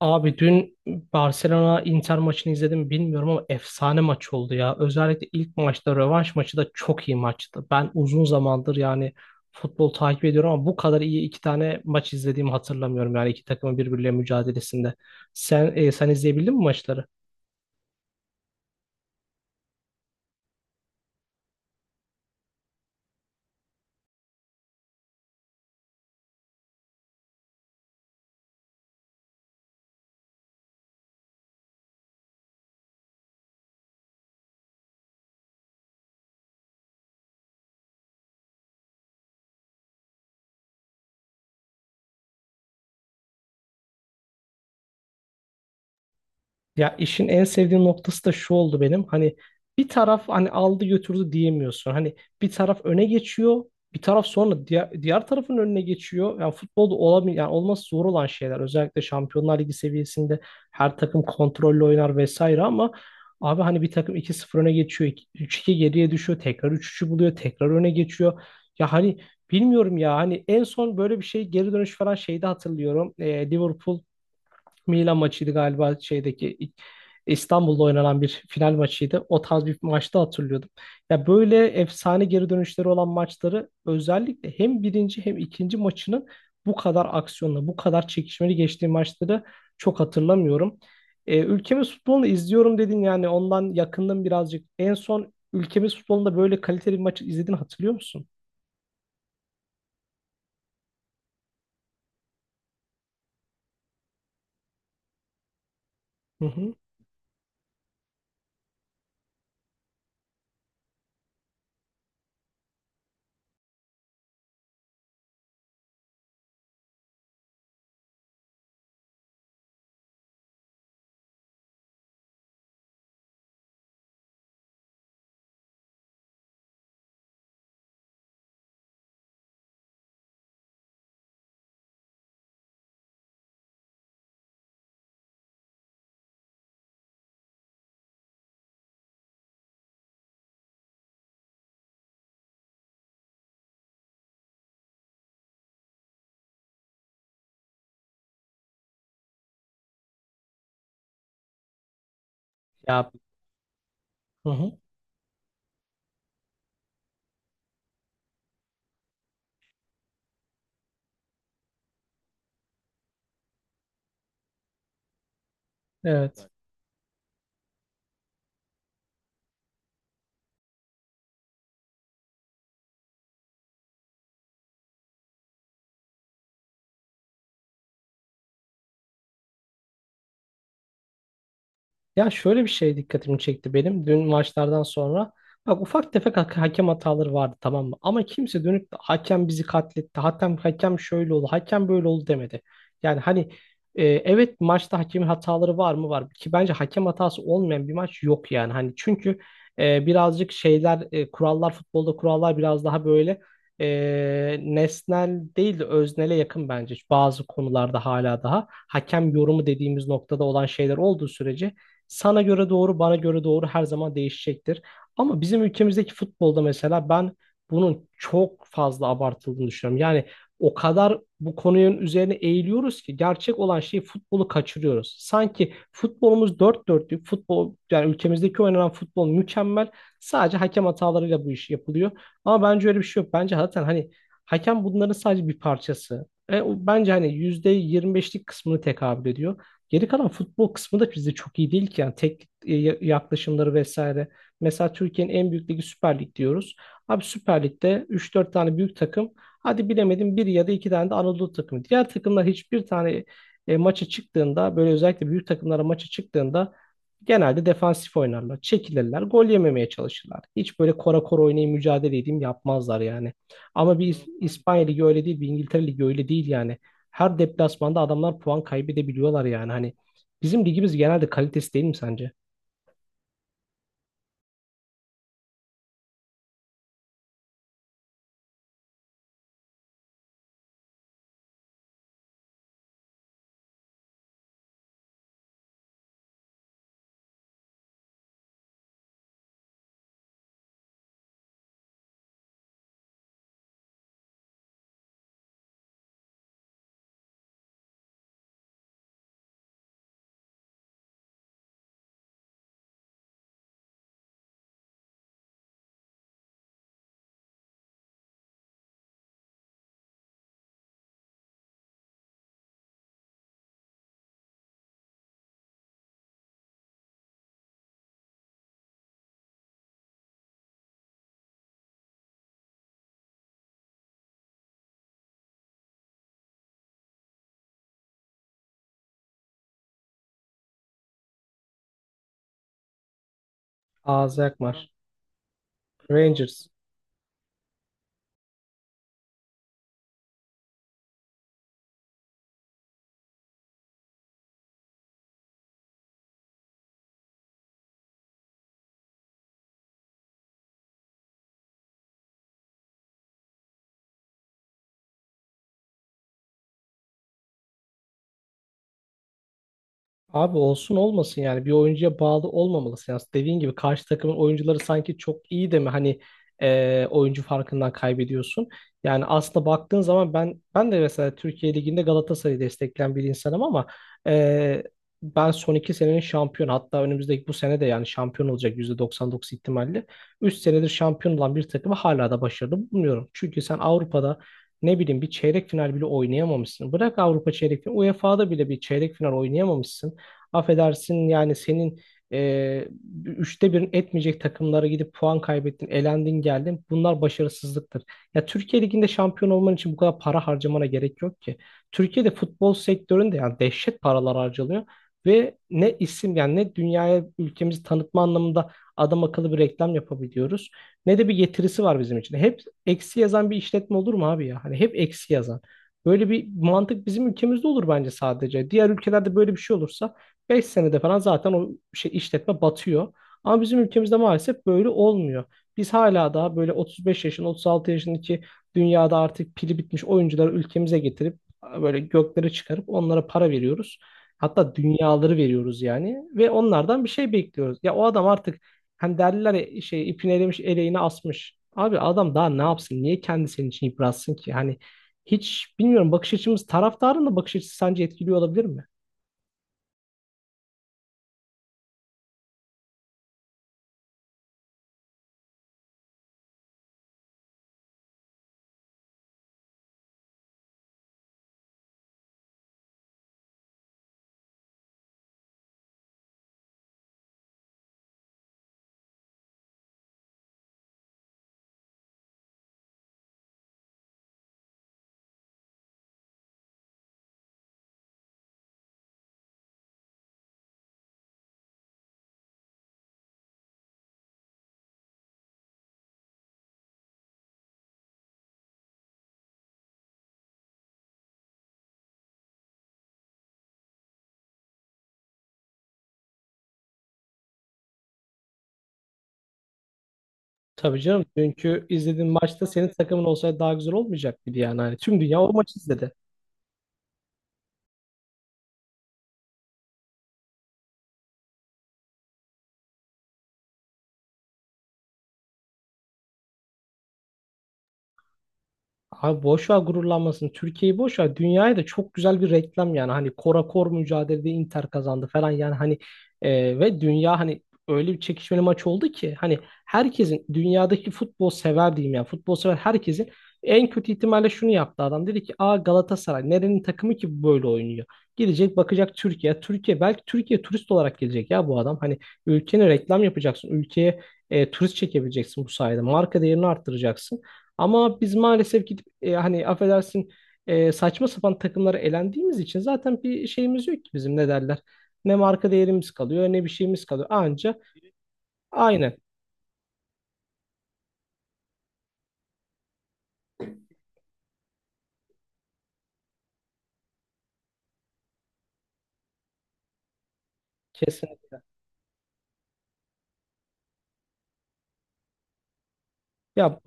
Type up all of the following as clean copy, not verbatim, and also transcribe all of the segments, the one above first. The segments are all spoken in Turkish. Abi dün Barcelona Inter maçını izledim, bilmiyorum ama efsane maç oldu ya. Özellikle ilk maçta rövanş maçı da çok iyi maçtı. Ben uzun zamandır yani futbol takip ediyorum ama bu kadar iyi iki tane maç izlediğimi hatırlamıyorum. Yani iki takımın birbirleriyle mücadelesinde. Sen izleyebildin mi maçları? Ya, işin en sevdiğim noktası da şu oldu benim. Hani bir taraf hani aldı götürdü diyemiyorsun. Hani bir taraf öne geçiyor, bir taraf sonra diğer tarafın önüne geçiyor. Yani futbolda olamıyor yani olması zor olan şeyler. Özellikle Şampiyonlar Ligi seviyesinde her takım kontrollü oynar vesaire ama abi hani bir takım iki 0 öne geçiyor, 3-2 geriye düşüyor, tekrar 3-3'ü buluyor, tekrar öne geçiyor. Ya hani bilmiyorum ya hani en son böyle bir şey geri dönüş falan şeyde hatırlıyorum. Liverpool Milan maçıydı galiba, şeydeki İstanbul'da oynanan bir final maçıydı. O tarz bir maçta hatırlıyordum. Ya böyle efsane geri dönüşleri olan maçları, özellikle hem birinci hem ikinci maçının bu kadar aksiyonla, bu kadar çekişmeli geçtiği maçları çok hatırlamıyorum. Ülkemiz futbolunu izliyorum dedin, yani ondan yakındım birazcık. En son ülkemiz futbolunda böyle kaliteli bir maçı izlediğini hatırlıyor musun? Hı hı. Ya, hı hı. Evet. Ya, şöyle bir şey dikkatimi çekti benim dün maçlardan sonra. Bak ufak tefek hakem hataları vardı, tamam mı? Ama kimse dönüp de hakem bizi katletti, hakem şöyle oldu, hakem böyle oldu demedi. Yani hani evet, maçta hakemin hataları var mı, var, ki bence hakem hatası olmayan bir maç yok yani. Hani çünkü birazcık şeyler, kurallar, futbolda kurallar biraz daha böyle nesnel değil de öznele yakın bence. Bazı konularda hala daha hakem yorumu dediğimiz noktada olan şeyler olduğu sürece sana göre doğru, bana göre doğru her zaman değişecektir. Ama bizim ülkemizdeki futbolda mesela ben bunun çok fazla abartıldığını düşünüyorum. Yani o kadar bu konunun üzerine eğiliyoruz ki gerçek olan şeyi, futbolu kaçırıyoruz. Sanki futbolumuz dört dörtlük futbol, yani ülkemizdeki oynanan futbol mükemmel. Sadece hakem hatalarıyla bu iş yapılıyor. Ama bence öyle bir şey yok. Bence zaten hani hakem bunların sadece bir parçası. O bence hani %25'lik kısmını tekabül ediyor. Geri kalan futbol kısmı da bizde çok iyi değil ki. Yani teknik yaklaşımları vesaire. Mesela Türkiye'nin en büyük ligi Süper Lig diyoruz. Abi Süper Lig'de 3-4 tane büyük takım. Hadi bilemedim bir ya da iki tane de Anadolu takımı. Diğer takımlar hiçbir tane maça çıktığında, böyle özellikle büyük takımlara maça çıktığında genelde defansif oynarlar. Çekilirler. Gol yememeye çalışırlar. Hiç böyle kora kora oynayıp mücadele edeyim yapmazlar yani. Ama bir İspanya Ligi öyle değil. Bir İngiltere Ligi öyle değil yani. Her deplasmanda adamlar puan kaybedebiliyorlar yani. Hani bizim ligimiz genelde kalitesi değil mi sence? AZ Alkmaar, Rangers. Abi olsun olmasın, yani bir oyuncuya bağlı olmamalısın. Yani dediğin gibi karşı takımın oyuncuları sanki çok iyi de mi hani oyuncu farkından kaybediyorsun. Yani aslında baktığın zaman ben de mesela Türkiye Ligi'nde Galatasaray'ı destekleyen bir insanım ama e, ben son iki senenin şampiyon, hatta önümüzdeki bu sene de yani şampiyon olacak %99 ihtimalle. 3 senedir şampiyon olan bir takımı hala da başarılı bulmuyorum. Çünkü sen Avrupa'da ne bileyim bir çeyrek final bile oynayamamışsın. Bırak Avrupa çeyrek finali, UEFA'da bile bir çeyrek final oynayamamışsın. Affedersin yani senin e, üçte birin etmeyecek takımlara gidip puan kaybettin, elendin geldin. Bunlar başarısızlıktır. Ya Türkiye Ligi'nde şampiyon olman için bu kadar para harcamana gerek yok ki. Türkiye'de futbol sektöründe yani dehşet paralar harcanıyor ve ne isim, yani ne dünyaya ülkemizi tanıtma anlamında adam akıllı bir reklam yapabiliyoruz, ne de bir getirisi var bizim için. Hep eksi yazan bir işletme olur mu abi ya? Hani hep eksi yazan. Böyle bir mantık bizim ülkemizde olur bence sadece. Diğer ülkelerde böyle bir şey olursa 5 senede falan zaten o şey işletme batıyor. Ama bizim ülkemizde maalesef böyle olmuyor. Biz hala daha böyle 35 yaşın, 36 yaşındaki dünyada artık pili bitmiş oyuncuları ülkemize getirip böyle göklere çıkarıp onlara para veriyoruz. Hatta dünyaları veriyoruz yani, ve onlardan bir şey bekliyoruz. Ya o adam artık, hani derler ya, şey ipini elemiş eleğini asmış. Abi adam daha ne yapsın? Niye kendi senin için yıpratsın ki? Hani hiç bilmiyorum, bakış açımız, taraftarın da bakış açısı sence etkiliyor olabilir mi? Tabii canım. Çünkü izlediğin maçta senin takımın olsaydı daha güzel olmayacak mıydı yani? Hani tüm dünya o maçı izledi. Abi boş ver gururlanmasın. Türkiye'yi boş ver. Dünyaya da çok güzel bir reklam yani. Hani kora kor mücadelede Inter kazandı falan yani hani ve dünya hani öyle bir çekişmeli maç oldu ki, hani herkesin, dünyadaki futbol sever diyeyim yani, futbol sever herkesin en kötü ihtimalle şunu yaptı adam. Dedi ki, aa Galatasaray nerenin takımı ki bu böyle oynuyor. Gidecek bakacak Türkiye. Türkiye belki, Türkiye turist olarak gelecek ya bu adam. Hani ülkene reklam yapacaksın. Ülkeye turist çekebileceksin bu sayede. Marka değerini arttıracaksın. Ama biz maalesef gidip hani affedersin saçma sapan takımlara elendiğimiz için zaten bir şeyimiz yok ki bizim, ne derler. Ne marka değerimiz kalıyor, ne bir şeyimiz kalıyor. Anca, aynen, kesinlikle. Ya,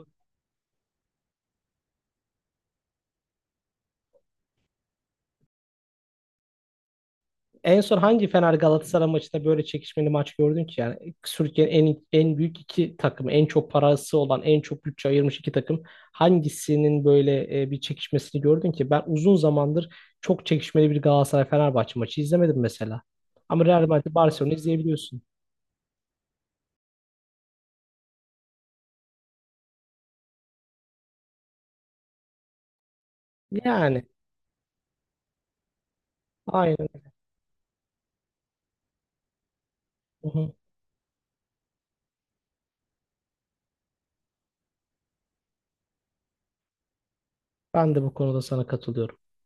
en son hangi Fener Galatasaray maçında böyle çekişmeli maç gördün ki? Yani Türkiye'nin en büyük iki takımı, en çok parası olan, en çok bütçe ayırmış iki takım, hangisinin böyle bir çekişmesini gördün ki? Ben uzun zamandır çok çekişmeli bir Galatasaray-Fenerbahçe maçı izlemedim mesela. Ama Real Madrid Barcelona izleyebiliyorsun. Yani, aynen. Hı hı. Ben de bu konuda sana katılıyorum.